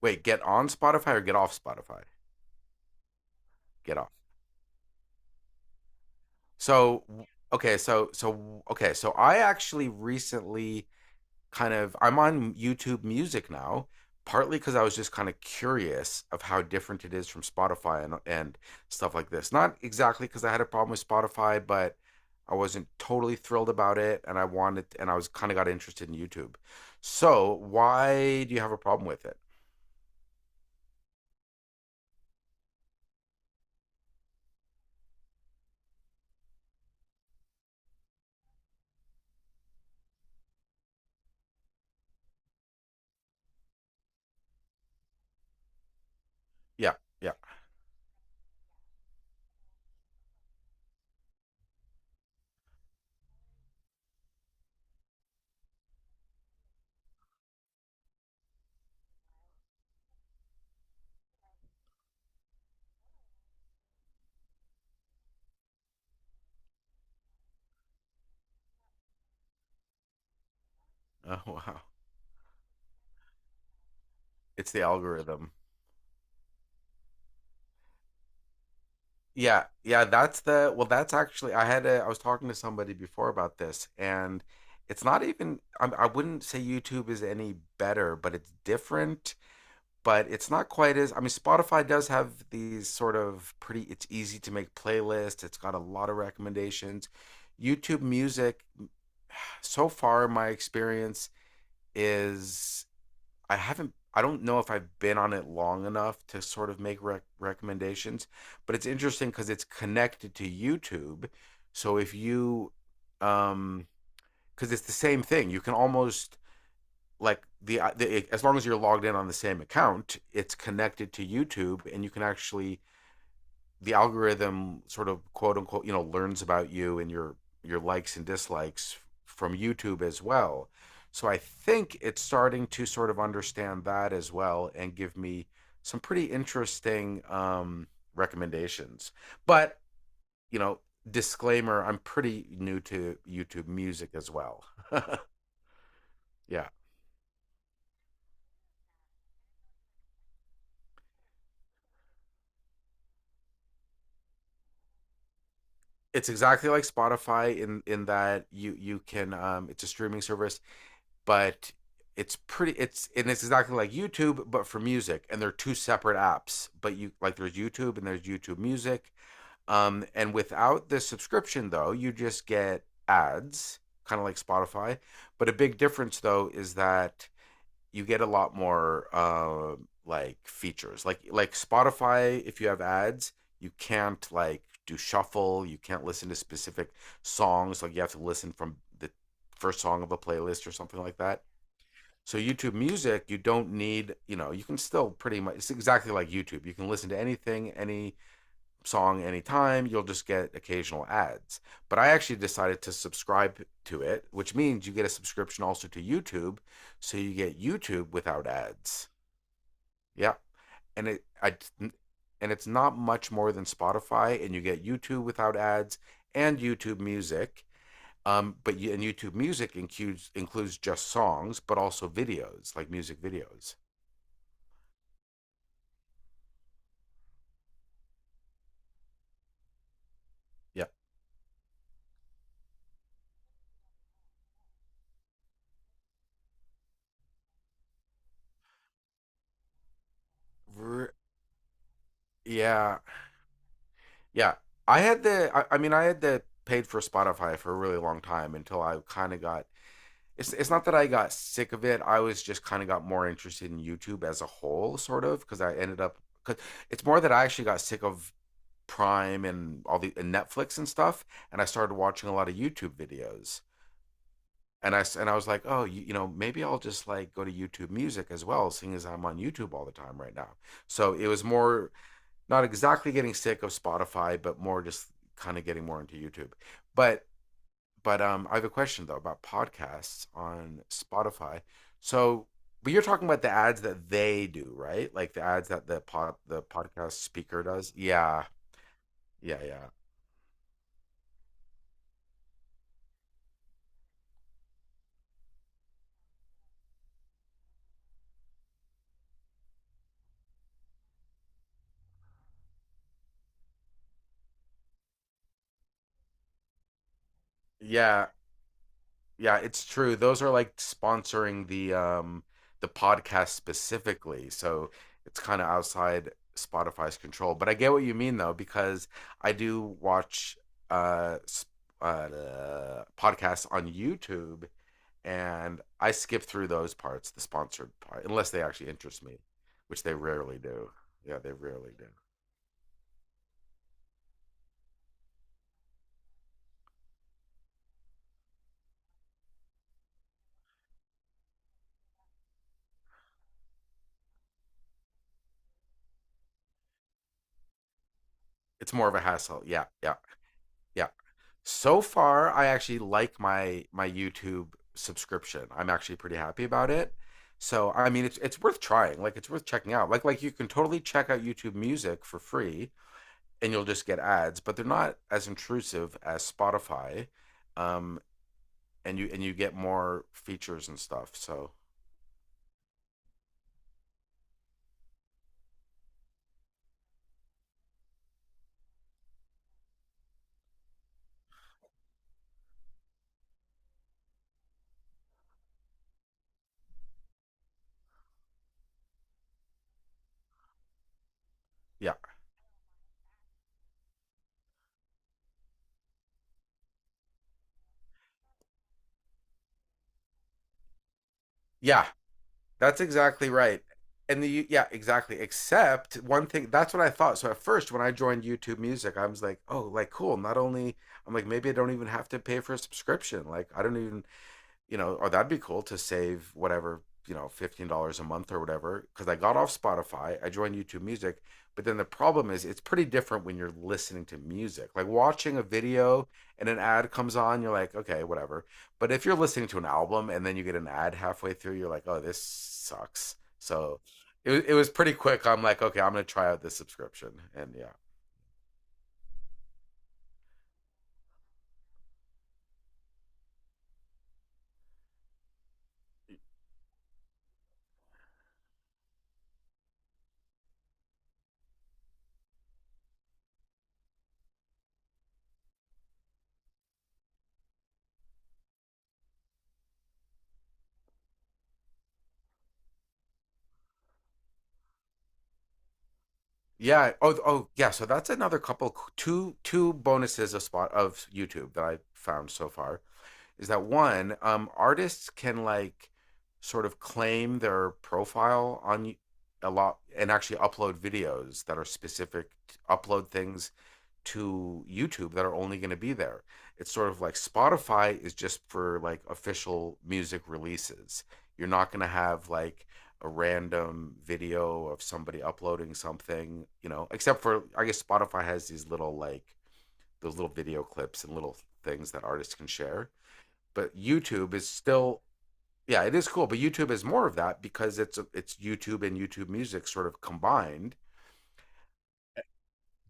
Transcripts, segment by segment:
Wait, get on Spotify or get off Spotify? Get off. So so I actually recently I'm on YouTube Music now, partly because I was just kind of curious of how different it is from Spotify and stuff like this. Not exactly because I had a problem with Spotify, but I wasn't totally thrilled about it, and I was kind of got interested in YouTube. So why do you have a problem with it? Yeah, yeah. Oh wow, it's the algorithm. Yeah, yeah, that's the well, that's actually I had a I was talking to somebody before about this and it's not even I wouldn't say YouTube is any better, but it's different, but it's not quite as I mean Spotify does have these sort of pretty it's easy to make playlists, it's got a lot of recommendations. YouTube Music so far in my experience is I haven't. I don't know if I've been on it long enough to sort of make recommendations, but it's interesting because it's connected to YouTube. So if you, um, because it's the same thing, you can almost like the as long as you're logged in on the same account, it's connected to YouTube, and you can actually the algorithm sort of quote unquote learns about you and your likes and dislikes from YouTube as well. So I think it's starting to sort of understand that as well and give me some pretty interesting recommendations. But you know, Disclaimer: I'm pretty new to YouTube Music as well. Yeah, it's exactly like Spotify in that you can it's a streaming service but it's pretty it's and it's exactly like YouTube but for music and they're two separate apps but you like there's YouTube and there's YouTube Music, and without the subscription though you just get ads kind of like Spotify, but a big difference though is that you get a lot more like features like Spotify, if you have ads you can't like do shuffle, you can't listen to specific songs, like you have to listen from the first song of a playlist or something like that. So YouTube Music, you don't need, you know, you can still pretty much it's exactly like YouTube. You can listen to anything, any song, anytime. You'll just get occasional ads. But I actually decided to subscribe to it, which means you get a subscription also to YouTube, so you get YouTube without ads. Yeah, and it I and it's not much more than Spotify, and you get YouTube without ads and YouTube Music. And YouTube Music includes just songs, but also videos, like music videos. Yeah. R- yeah, yeah. I mean, I had the paid for Spotify for a really long time until I kind of got. It's not that I got sick of it. I was just kind of got more interested in YouTube as a whole, sort of, because I ended up. Cause it's more that I actually got sick of Prime and all the and Netflix and stuff, and I started watching a lot of YouTube videos. And I was like, oh, you know, maybe I'll just like go to YouTube Music as well, seeing as I'm on YouTube all the time right now. So it was more not exactly getting sick of Spotify, but more just kind of getting more into YouTube. But but I have a question though about podcasts on Spotify. So, but you're talking about the ads that they do, right? Like the ads that the podcast speaker does. Yeah, yeah, yeah, yeah, yeah, it's true. Those are like sponsoring the podcast specifically. So it's kind of outside Spotify's control. But I get what you mean though because I do watch uh, s- podcasts on YouTube and I skip through those parts, the sponsored part, unless they actually interest me, which they rarely do. Yeah, they rarely do. It's more of a hassle. Yeah, yeah, yeah. So far, I actually like my YouTube subscription. I'm actually pretty happy about it. So I mean, it's worth trying. Like it's worth checking out. Like you can totally check out YouTube Music for free, and you'll just get ads, but they're not as intrusive as Spotify, um, and you get more features and stuff. So yeah, yeah. That's exactly right. And the yeah, exactly. Except one thing, that's what I thought. So at first, when I joined YouTube Music, I was like, oh, like cool. Not only I'm like maybe I don't even have to pay for a subscription. Like I don't even you know, or that'd be cool to save whatever, you know, $15 a month or whatever. Cause I got off Spotify, I joined YouTube Music. But then the problem is it's pretty different when you're listening to music. Like watching a video and an ad comes on, you're like, okay, whatever. But if you're listening to an album and then you get an ad halfway through, you're like, oh, this sucks. So it was pretty quick. I'm like, okay, I'm going to try out this subscription. And yeah. Yeah. Oh, oh, yeah. So that's another couple, two, two bonuses of spot of YouTube that I found so far, is that one, artists can like sort of claim their profile on a lot and actually upload things to YouTube that are only going to be there. It's sort of like Spotify is just for like official music releases. You're not going to have like a random video of somebody uploading something, you know, except for I guess Spotify has these little like those little video clips and little things that artists can share, but YouTube is still yeah, it is cool, but YouTube is more of that because it's YouTube and YouTube Music sort of combined.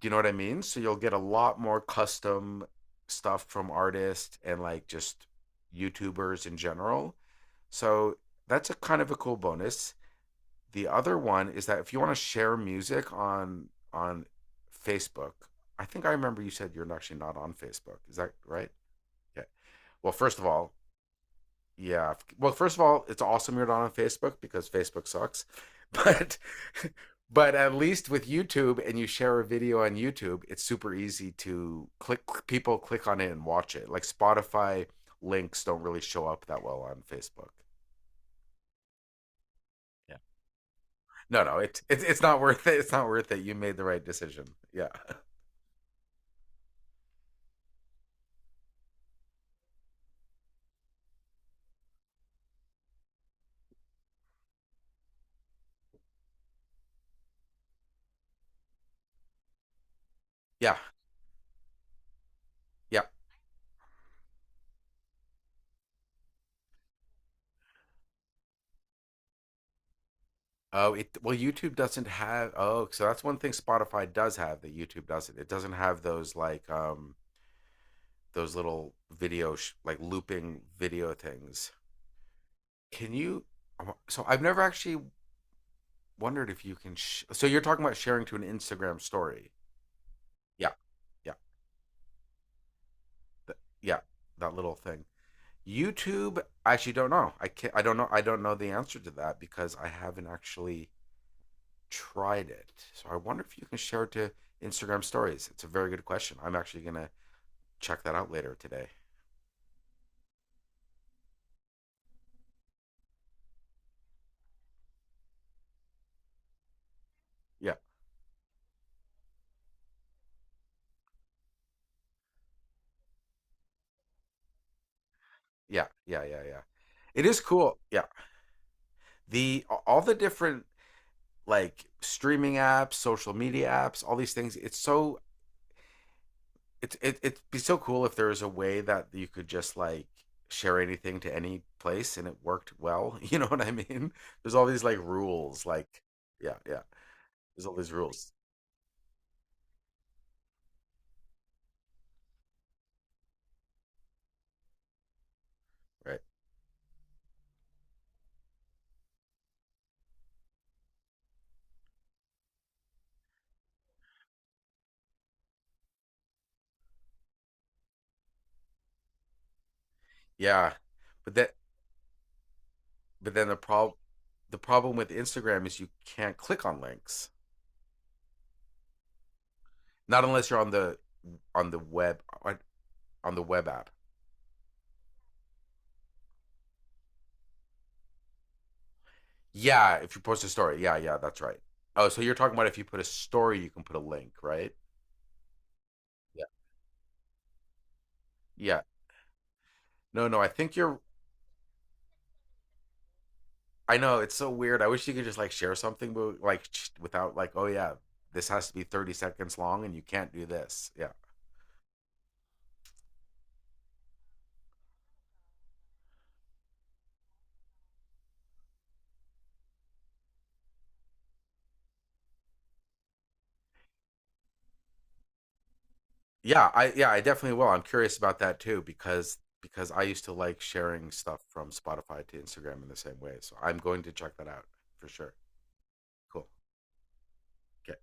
Do you know what I mean? So you'll get a lot more custom stuff from artists and like just YouTubers in general. So that's a kind of a cool bonus. The other one is that if you want to share music on on Facebook, I think I remember you said you're actually not on Facebook. Is that right? Yeah. Well, first of all, yeah. Well, first of all, it's awesome you're not on Facebook because Facebook sucks. But but at least with YouTube and you share a video on YouTube, it's super easy to click people click on it and watch it. Like Spotify links don't really show up that well on Facebook. Yeah. No, no, it it's not worth it. It's not worth it. You made the right decision. Yeah. Yeah. Yeah. Oh, it well YouTube doesn't have oh, so that's one thing Spotify does have that YouTube doesn't. It doesn't have those like those little like looping video things. Can you? So I've never actually wondered if you can. So you're talking about sharing to an Instagram story. Yeah, yeah, yeah. That little thing. YouTube. I actually don't know. I can't. I don't know. I don't know the answer to that because I haven't actually tried it. So I wonder if you can share it to Instagram stories. It's a very good question. I'm actually gonna check that out later today. Yeah, yeah, yeah, yeah, yeah. It is cool. Yeah. The all the different like streaming apps, social media apps, all these things. It'd be so cool if there was a way that you could just like share anything to any place and it worked well. You know what I mean? There's all these like rules, like yeah, yeah. There's all these rules, right? Yeah, but that but then the problem the problem with Instagram is you can't click on links, not unless you're on the web on the web app. Yeah, if you post a story. Yeah, yeah, that's right. Oh, so you're talking about if you put a story, you can put a link, right? Yeah. Yeah. No, no, I think you're I know it's so weird. I wish you could just like share something but without like, oh yeah, this has to be 30 seconds long and you can't do this. Yeah. Yeah, I definitely will. I'm curious about that too because I used to like sharing stuff from Spotify to Instagram in the same way. So I'm going to check that out for sure. Cool. Okay.